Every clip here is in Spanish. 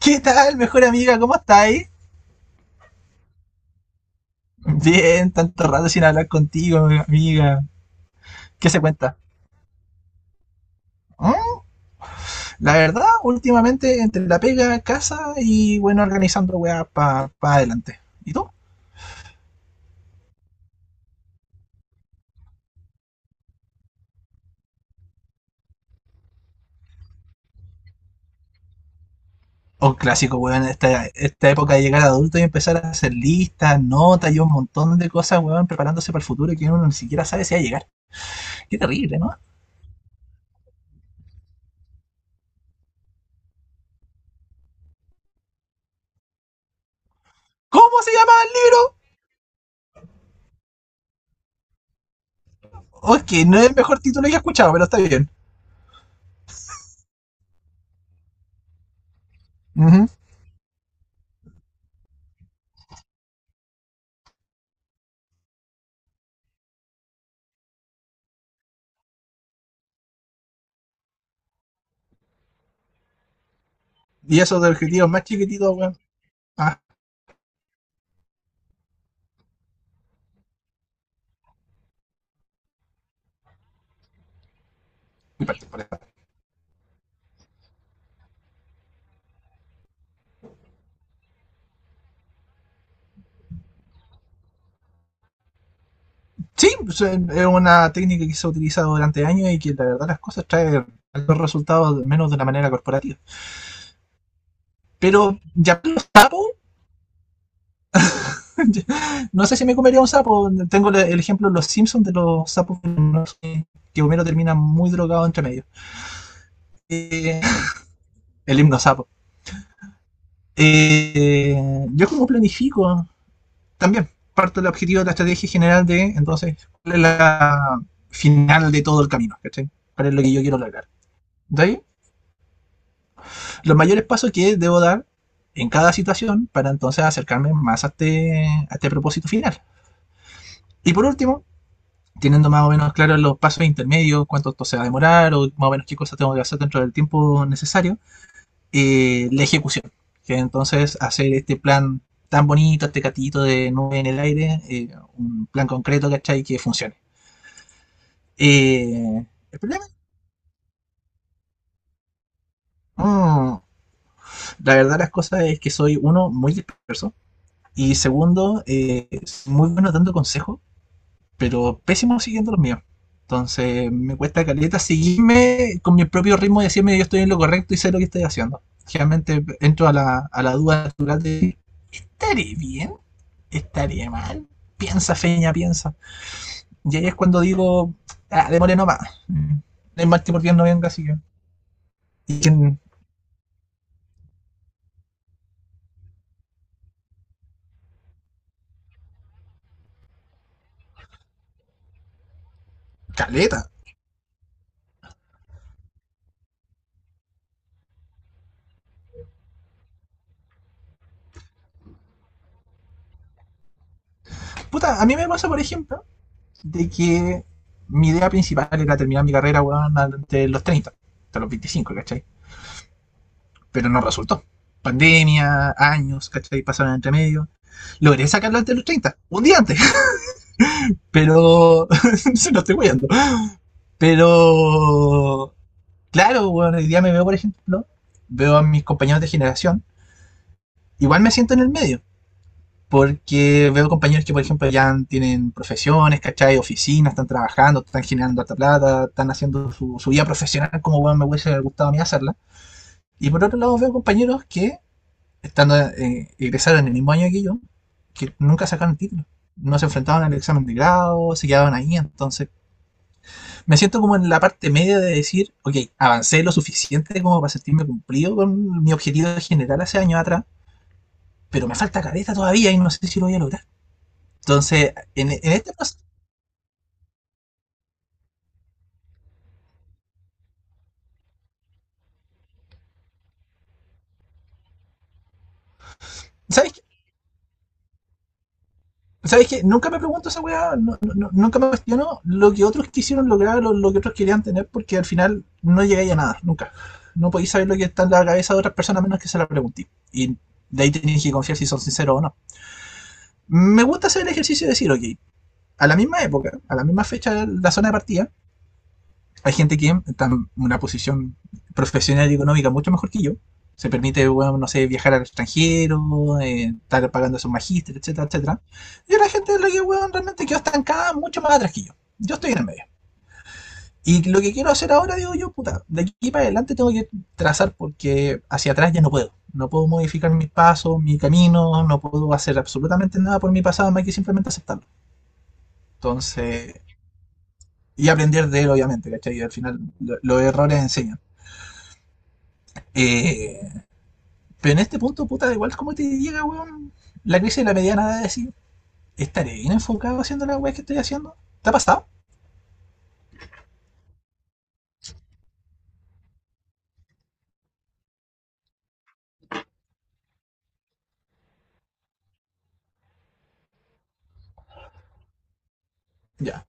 ¿Qué tal, mejor amiga? ¿Cómo estáis? Bien, tanto rato sin hablar contigo, amiga. ¿Qué se cuenta? ¿Mm? La verdad, últimamente entre la pega, casa y bueno, organizando weá para pa adelante. ¿Y tú? Un clásico, weón, esta época de llegar adulto y empezar a hacer listas, notas y un montón de cosas, weón, preparándose para el futuro que uno ni siquiera sabe si va a llegar. Qué terrible, ¿no? ¿Cómo se llama el libro? Ok, no es el mejor título que he escuchado, pero está bien. Ujú. Y eso de objetivos más chiquititos, weón. Ah, mi parte, por eso. Sí, pues, es una técnica que se ha utilizado durante años y que la verdad las cosas trae los resultados menos de una manera corporativa. Pero ya los sapos, no sé si me comería un sapo. Tengo el ejemplo de los Simpsons de los sapos que Homero termina muy drogado entre medio. Eh, el himno sapo. Eh, yo como planifico también parte del objetivo de la estrategia general de entonces cuál es la final de todo el camino, ¿cachai? ¿Cuál es lo que yo quiero lograr? De ahí los mayores pasos que debo dar en cada situación para entonces acercarme más a este propósito final. Y por último, teniendo más o menos claros los pasos intermedios, cuánto esto se va a demorar o más o menos qué cosas tengo que hacer dentro del tiempo necesario, la ejecución. Que entonces hacer este plan tan bonito, este catito de nube en el aire, un plan concreto, ¿cachai? Que funcione. Eh, ¿El problema? Mm, la verdad las cosas es que soy uno muy disperso. Y segundo, es muy bueno dando consejos, pero pésimo siguiendo los míos. Entonces me cuesta caleta seguirme con mi propio ritmo y decirme yo estoy en lo correcto y sé lo que estoy haciendo. Generalmente entro a la duda natural de ¿estaré bien? ¿Estaré mal? Piensa, feña, piensa. Y ahí es cuando digo, ah, démosle nomás. No hay mal que por bien no venga, así que... Y que caleta. Puta, a mí me pasa, por ejemplo, de que mi idea principal era terminar mi carrera, weón, de los 30, hasta los 25, ¿cachai? Pero no resultó. Pandemia, años, ¿cachai? Pasaron entre medio. Logré sacarlo antes de los 30, un día antes, pero se lo estoy guiando. Pero, claro, weón, hoy día me veo, por ejemplo, veo a mis compañeros de generación, igual me siento en el medio. Porque veo compañeros que, por ejemplo, ya tienen profesiones, ¿cachai? Oficinas, están trabajando, están generando harta plata, están haciendo su vida profesional como bueno, me hubiese gustado a mí hacerla. Y por otro lado veo compañeros que, estando egresaron en el mismo año que yo, que nunca sacaron el título. No se enfrentaban al examen de grado, se quedaban ahí. Entonces, me siento como en la parte media de decir, ok, avancé lo suficiente como para sentirme cumplido con mi objetivo general hace años atrás, pero me falta careta todavía y no sé si lo voy a lograr. Entonces, en este proceso, ¿sabes qué? ¿Sabes qué? Nunca me pregunto esa weá, no, no, no, nunca me cuestiono lo que otros quisieron lograr, lo que otros querían tener, porque al final no llegáis a nada, nunca. No podéis saber lo que está en la cabeza de otras personas menos que se la preguntéis. Y de ahí tenéis que confiar si son sinceros o no. Me gusta hacer el ejercicio de decir, ok, a la misma época, a la misma fecha, la zona de partida, hay gente que está en una posición profesional y económica mucho mejor que yo. Se permite, bueno, no sé, viajar al extranjero, estar pagando a sus magíster, etcétera, etcétera. Y la gente de la que, bueno, realmente quedó estancada mucho más atrás que yo. Yo estoy en el medio. Y lo que quiero hacer ahora, digo yo, puta, de aquí para adelante tengo que trazar porque hacia atrás ya no puedo. No puedo modificar mis pasos, mi camino, no puedo hacer absolutamente nada por mi pasado, más que simplemente aceptarlo. Entonces, y aprender de él, obviamente, ¿cachai? Y al final, los errores enseñan. Eh, pero en este punto, puta, igual como te llega, weón, la crisis de la mediana edad de decir, ¿estaré bien enfocado haciendo la weá que estoy haciendo? ¿Te ha pasado? Ya,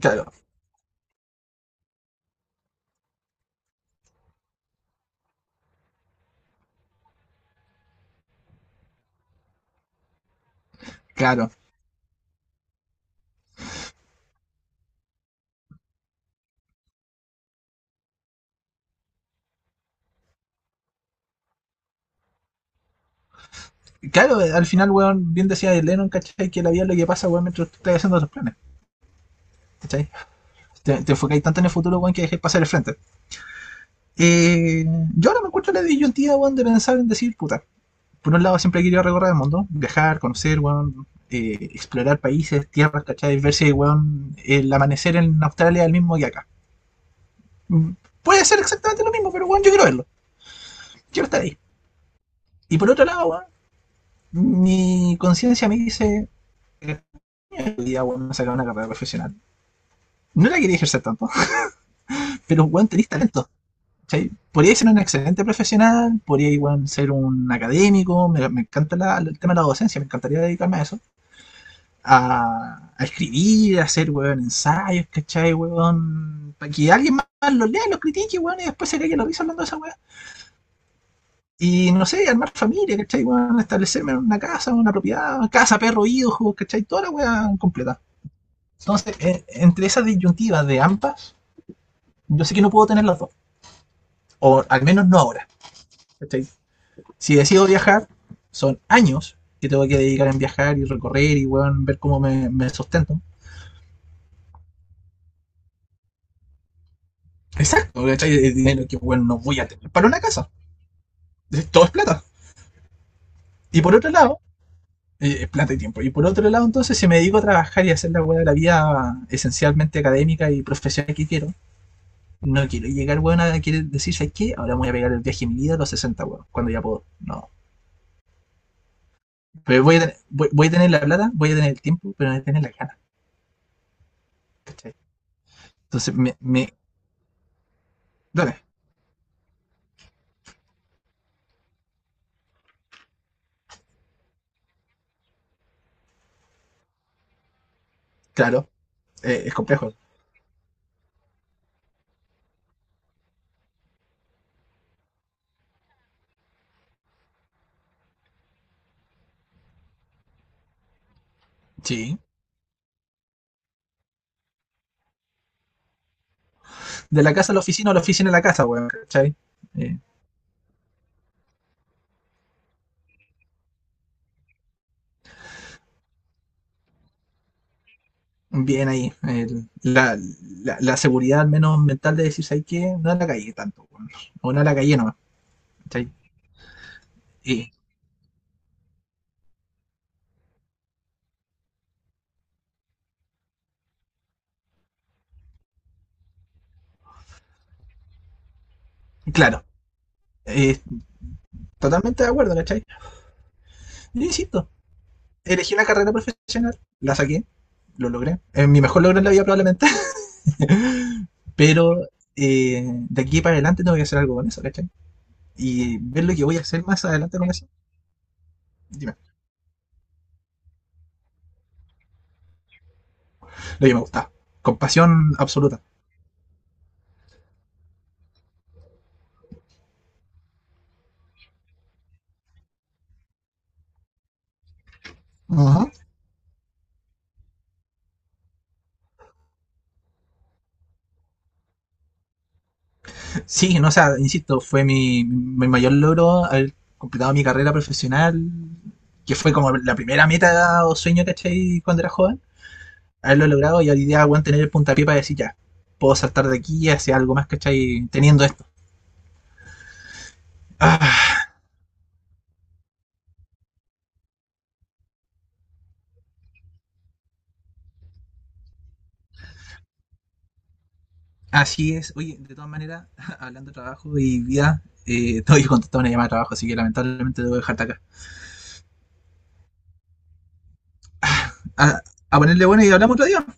claro, claro. Claro, al final, weón, bien decía Lennon, ¿cachai? Que la vida es lo que pasa, weón, mientras tú estás haciendo tus planes. ¿Cachai? Te enfocáis tanto en el futuro, weón, que dejéis pasar el frente. Eh, yo ahora me encuentro la disyuntiva, weón, de pensar en decir, puta, por un lado siempre he querido recorrer el mundo, viajar, conocer, weón, explorar países, tierras, ¿cachai? Ver si, weón, el amanecer en Australia es el mismo que acá. Puede ser exactamente lo mismo, pero bueno, yo quiero verlo. Quiero estar ahí. Y por otro lado, weón, mi conciencia me dice. Ya, weón, sacar una carrera profesional. No la quería ejercer tanto, pero weón, tenés talento. ¿Sí? Podría ser un excelente profesional, podría igual ser un académico. Me encanta la- el tema de la docencia, me encantaría dedicarme a eso. A escribir, a hacer weón, ensayos, ¿cachai? Weón, para que alguien más los lea, los critique, weón, y después se le que lo hizo hablando de esa weón. Y no sé, armar familia, ¿cachai? Bueno, establecerme en una casa, una propiedad, casa, perro, hijos, ¿cachai? Toda la weá completa. Entonces, entre esas disyuntivas de ambas, yo sé que no puedo tener las dos. O al menos no ahora. ¿Cachai? Si decido viajar, son años que tengo que dedicar en viajar y recorrer y bueno, ver cómo me sustento. Exacto, ¿cachai? El dinero que bueno, no voy a tener para una casa. Todo es plata. Y por otro lado, plata y tiempo. Y por otro lado, entonces, si me dedico a trabajar y a hacer la weá de la vida esencialmente académica y profesional que quiero, no quiero llegar, weón, a querer decir, ¿sabes qué? Ahora me voy a pegar el viaje de mi vida a los 60 weón, cuando ya puedo. No. Pero voy a, tener, voy a tener la plata, voy a tener el tiempo, pero no voy a tener la gana. ¿Cachai? Entonces, me dale, claro, es complejo. Sí. De la casa a la oficina o la oficina a la casa, weón, ¿cachai? Eh, bien ahí. La seguridad, al menos mental, de decir, ¿sabes qué? No a la calle tanto, weón. O no a la calle no ¿cachai? Y, claro, eh, totalmente de acuerdo, ¿cachai? Yo insisto, elegí la carrera profesional, la saqué, lo logré. Es mi mejor logro en la vida probablemente. Pero eh, de aquí para adelante tengo que hacer algo con eso, ¿cachai? Y ver lo que voy a hacer más adelante con eso, dime, lo que me gusta. Con pasión absoluta. Ajá. Sí, no, o sea, insisto, fue mi mayor logro haber completado mi carrera profesional, que fue como la primera meta o sueño, ¿cachai? Cuando era joven. Haberlo logrado y hoy día, weón, tener el puntapié para decir ya, puedo saltar de aquí y hacer algo más, ¿cachai? Teniendo esto. Ah, así es. Oye, de todas maneras, hablando de trabajo y vida, todavía contestado una llamada de trabajo, así que lamentablemente debo dejarte acá. A, a ponerle bueno y hablamos otro día. Chao.